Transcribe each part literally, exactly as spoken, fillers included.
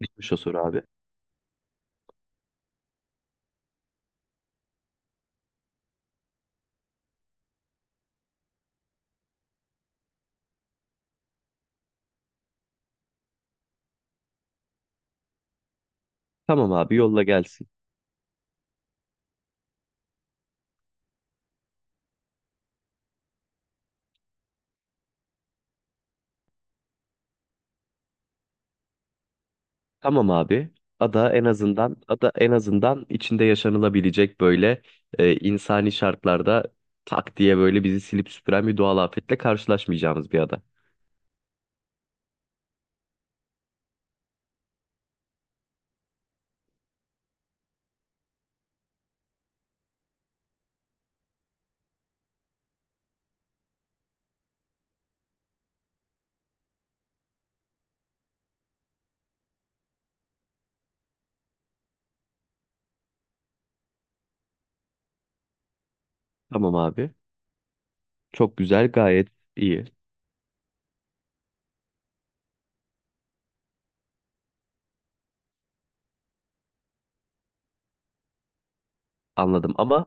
Neymiş o soru, abi? Tamam abi, yolla gelsin. Tamam abi. Ada en azından ada en azından içinde yaşanılabilecek, böyle e, insani şartlarda, tak diye böyle bizi silip süpüren bir doğal afetle karşılaşmayacağımız bir ada. Tamam abi. Çok güzel, gayet iyi. Anladım ama,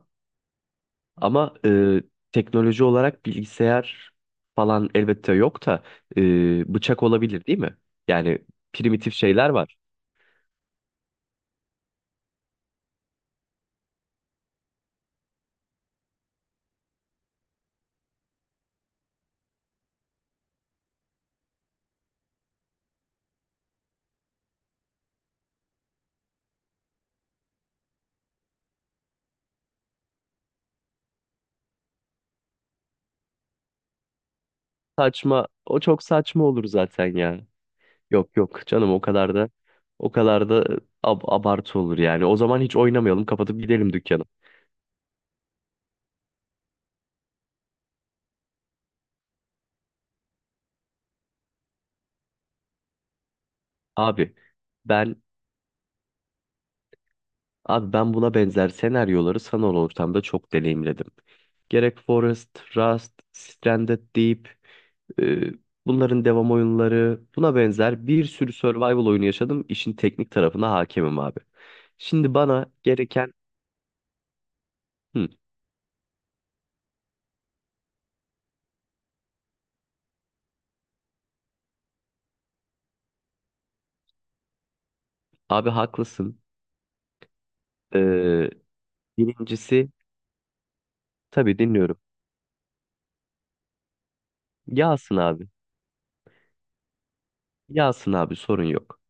ama e, teknoloji olarak bilgisayar falan elbette yok da e, bıçak olabilir değil mi? Yani primitif şeyler var. Saçma. O çok saçma olur zaten ya. Yok yok canım, o kadar da o kadar da e, ab- abartı olur yani. O zaman hiç oynamayalım, kapatıp gidelim dükkanı. Abi ben abi ben buna benzer senaryoları sanal ortamda çok deneyimledim. Gerek Forest, Rust, Stranded Deep. Ee, Bunların devam oyunları, buna benzer bir sürü survival oyunu yaşadım. İşin teknik tarafına hakemim abi. Şimdi bana gereken. Hı, abi haklısın. Ee, Birincisi, tabii dinliyorum. Yağsın abi. Yağsın abi, sorun yok.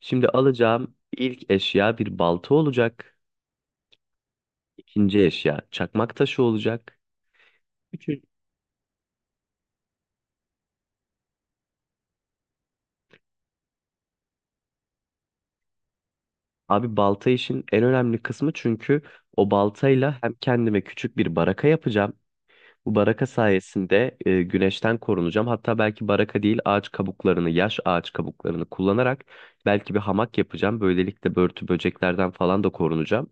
Şimdi alacağım ilk eşya bir balta olacak. İkinci eşya çakmak taşı olacak. Üçüncü. Abi, balta işin en önemli kısmı çünkü o baltayla hem kendime küçük bir baraka yapacağım. Bu baraka sayesinde e, güneşten korunacağım. Hatta belki baraka değil, ağaç kabuklarını, yaş ağaç kabuklarını kullanarak belki bir hamak yapacağım. Böylelikle börtü böceklerden falan da korunacağım.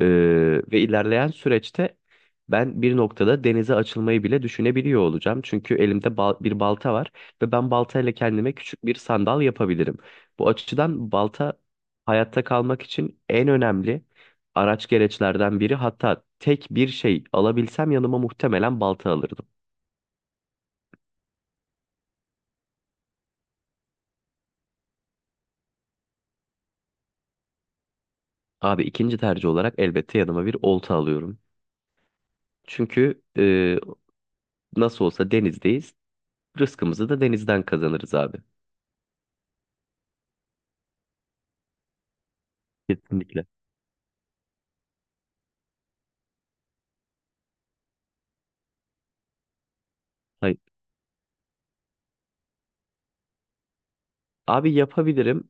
Ee, Ve ilerleyen süreçte ben bir noktada denize açılmayı bile düşünebiliyor olacağım. Çünkü elimde bal- bir balta var ve ben baltayla kendime küçük bir sandal yapabilirim. Bu açıdan balta hayatta kalmak için en önemli araç gereçlerden biri. Hatta tek bir şey alabilsem yanıma muhtemelen balta alırdım. Abi, ikinci tercih olarak elbette yanıma bir olta alıyorum. Çünkü e, nasıl olsa denizdeyiz. Rızkımızı da denizden kazanırız abi. Kesinlikle. Abi yapabilirim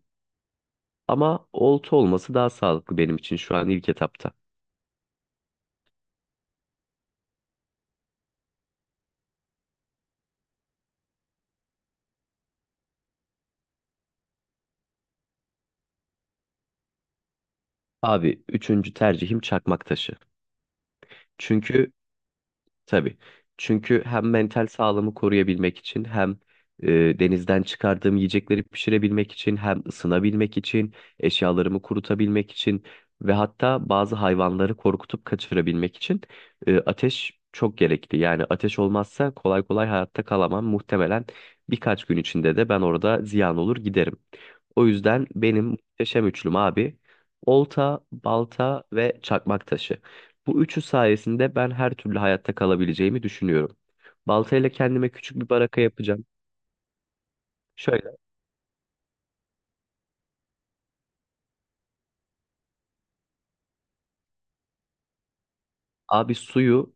ama olta olması daha sağlıklı benim için şu an ilk etapta. Abi, üçüncü tercihim çakmak taşı. Çünkü Tabii. Çünkü hem mental sağlığımı koruyabilmek için, hem e, denizden çıkardığım yiyecekleri pişirebilmek için, hem ısınabilmek için, eşyalarımı kurutabilmek için ve hatta bazı hayvanları korkutup kaçırabilmek için e, ateş çok gerekli. Yani ateş olmazsa kolay kolay hayatta kalamam. Muhtemelen birkaç gün içinde de ben orada ziyan olur giderim. O yüzden benim muhteşem üçlüm abi: olta, balta ve çakmak taşı. Bu üçü sayesinde ben her türlü hayatta kalabileceğimi düşünüyorum. Baltayla kendime küçük bir baraka yapacağım. Şöyle. Abi, suyu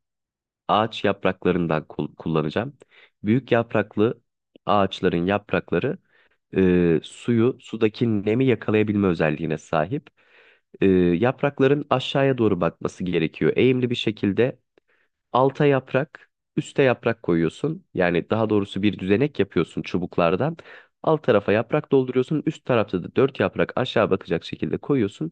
ağaç yapraklarından kul- kullanacağım. Büyük yapraklı ağaçların yaprakları e, suyu sudaki nemi yakalayabilme özelliğine sahip. E, yaprakların aşağıya doğru bakması gerekiyor. Eğimli bir şekilde alta yaprak, üste yaprak koyuyorsun. Yani daha doğrusu bir düzenek yapıyorsun çubuklardan. Alt tarafa yaprak dolduruyorsun. Üst tarafta da dört yaprak aşağı bakacak şekilde koyuyorsun.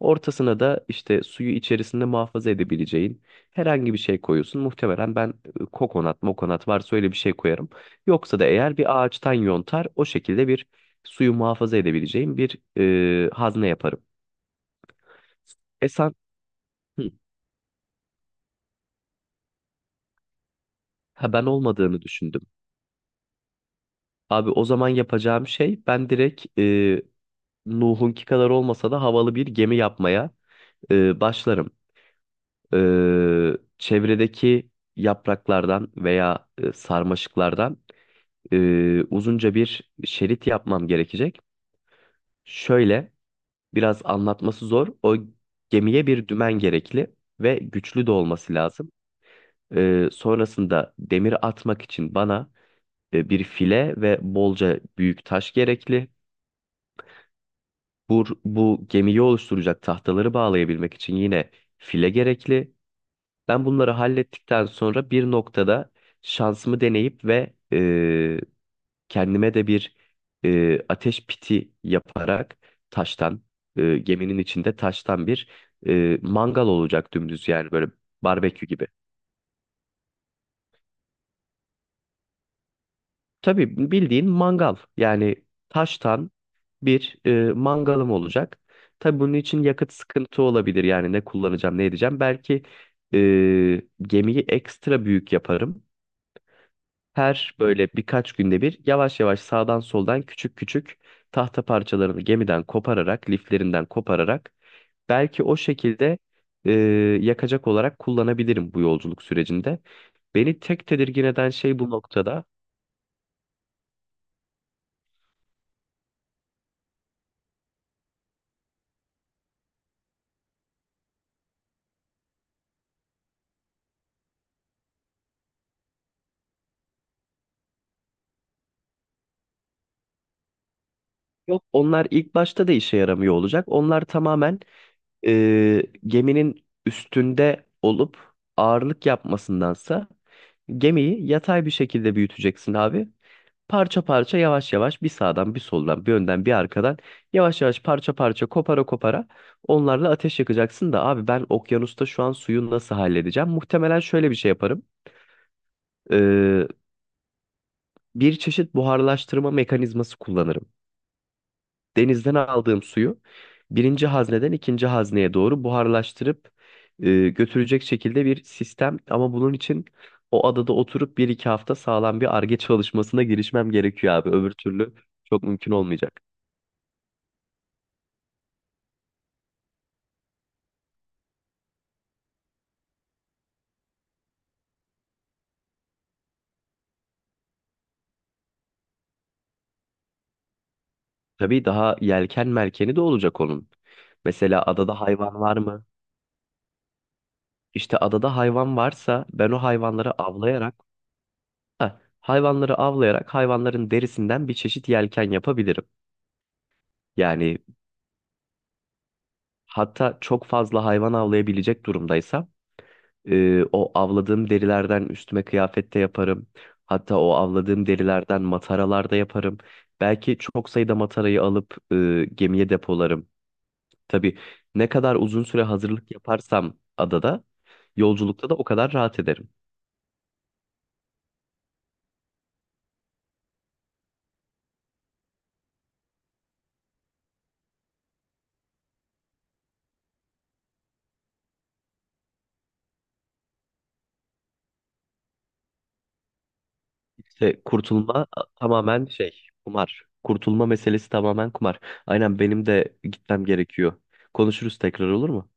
Ortasına da işte suyu içerisinde muhafaza edebileceğin herhangi bir şey koyuyorsun. Muhtemelen ben e, kokonat, mokonat varsa öyle bir şey koyarım. Yoksa da eğer bir ağaçtan yontar o şekilde bir suyu muhafaza edebileceğim bir e, hazne yaparım. E sen, hı, ha, ben olmadığını düşündüm. Abi, o zaman yapacağım şey, ben direkt e, Nuh'unki kadar olmasa da havalı bir gemi yapmaya e, başlarım. E, Çevredeki yapraklardan veya e, sarmaşıklardan e, uzunca bir şerit yapmam gerekecek. Şöyle, biraz anlatması zor. O gemiye bir dümen gerekli ve güçlü de olması lazım. E, sonrasında demir atmak için bana e, bir file ve bolca büyük taş gerekli. Bu, bu gemiyi oluşturacak tahtaları bağlayabilmek için yine file gerekli. Ben bunları hallettikten sonra bir noktada şansımı deneyip ve e, kendime de bir e, ateş piti yaparak taştan, e, geminin içinde taştan bir e, mangal olacak dümdüz, yani böyle barbekü gibi. Tabii bildiğin mangal, yani taştan Bir, e, mangalım olacak. Tabii bunun için yakıt sıkıntı olabilir. Yani ne kullanacağım, ne edeceğim. Belki e, gemiyi ekstra büyük yaparım. Her böyle birkaç günde bir, yavaş yavaş sağdan soldan küçük küçük tahta parçalarını gemiden kopararak, liflerinden kopararak belki o şekilde e, yakacak olarak kullanabilirim bu yolculuk sürecinde. Beni tek tedirgin eden şey bu noktada. Yok, onlar ilk başta da işe yaramıyor olacak. Onlar tamamen e, geminin üstünde olup ağırlık yapmasındansa gemiyi yatay bir şekilde büyüteceksin abi. Parça parça, yavaş yavaş, bir sağdan bir soldan bir önden bir arkadan, yavaş yavaş, parça parça kopara kopara onlarla ateş yakacaksın da abi, ben okyanusta şu an suyu nasıl halledeceğim? Muhtemelen şöyle bir şey yaparım. Ee, Bir çeşit buharlaştırma mekanizması kullanırım. Denizden aldığım suyu birinci hazneden ikinci hazneye doğru buharlaştırıp e, götürecek şekilde bir sistem. Ama bunun için o adada oturup bir iki hafta sağlam bir arge çalışmasına girişmem gerekiyor abi. Öbür türlü çok mümkün olmayacak. Tabii daha yelken merkeni de olacak onun. Mesela adada hayvan var mı? İşte adada hayvan varsa ben o hayvanları avlayarak, heh, hayvanları avlayarak hayvanların derisinden bir çeşit yelken yapabilirim. Yani, hatta çok fazla hayvan avlayabilecek durumdaysa e, o avladığım derilerden üstüme kıyafet de yaparım. Hatta o avladığım derilerden mataralar da yaparım. Belki çok sayıda matarayı alıp e, gemiye depolarım. Tabii ne kadar uzun süre hazırlık yaparsam adada, yolculukta da o kadar rahat ederim. İşte kurtulma a- tamamen şey, kumar. Kurtulma meselesi tamamen kumar. Aynen, benim de gitmem gerekiyor. Konuşuruz tekrar, olur mu?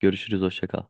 Görüşürüz, hoşça kal.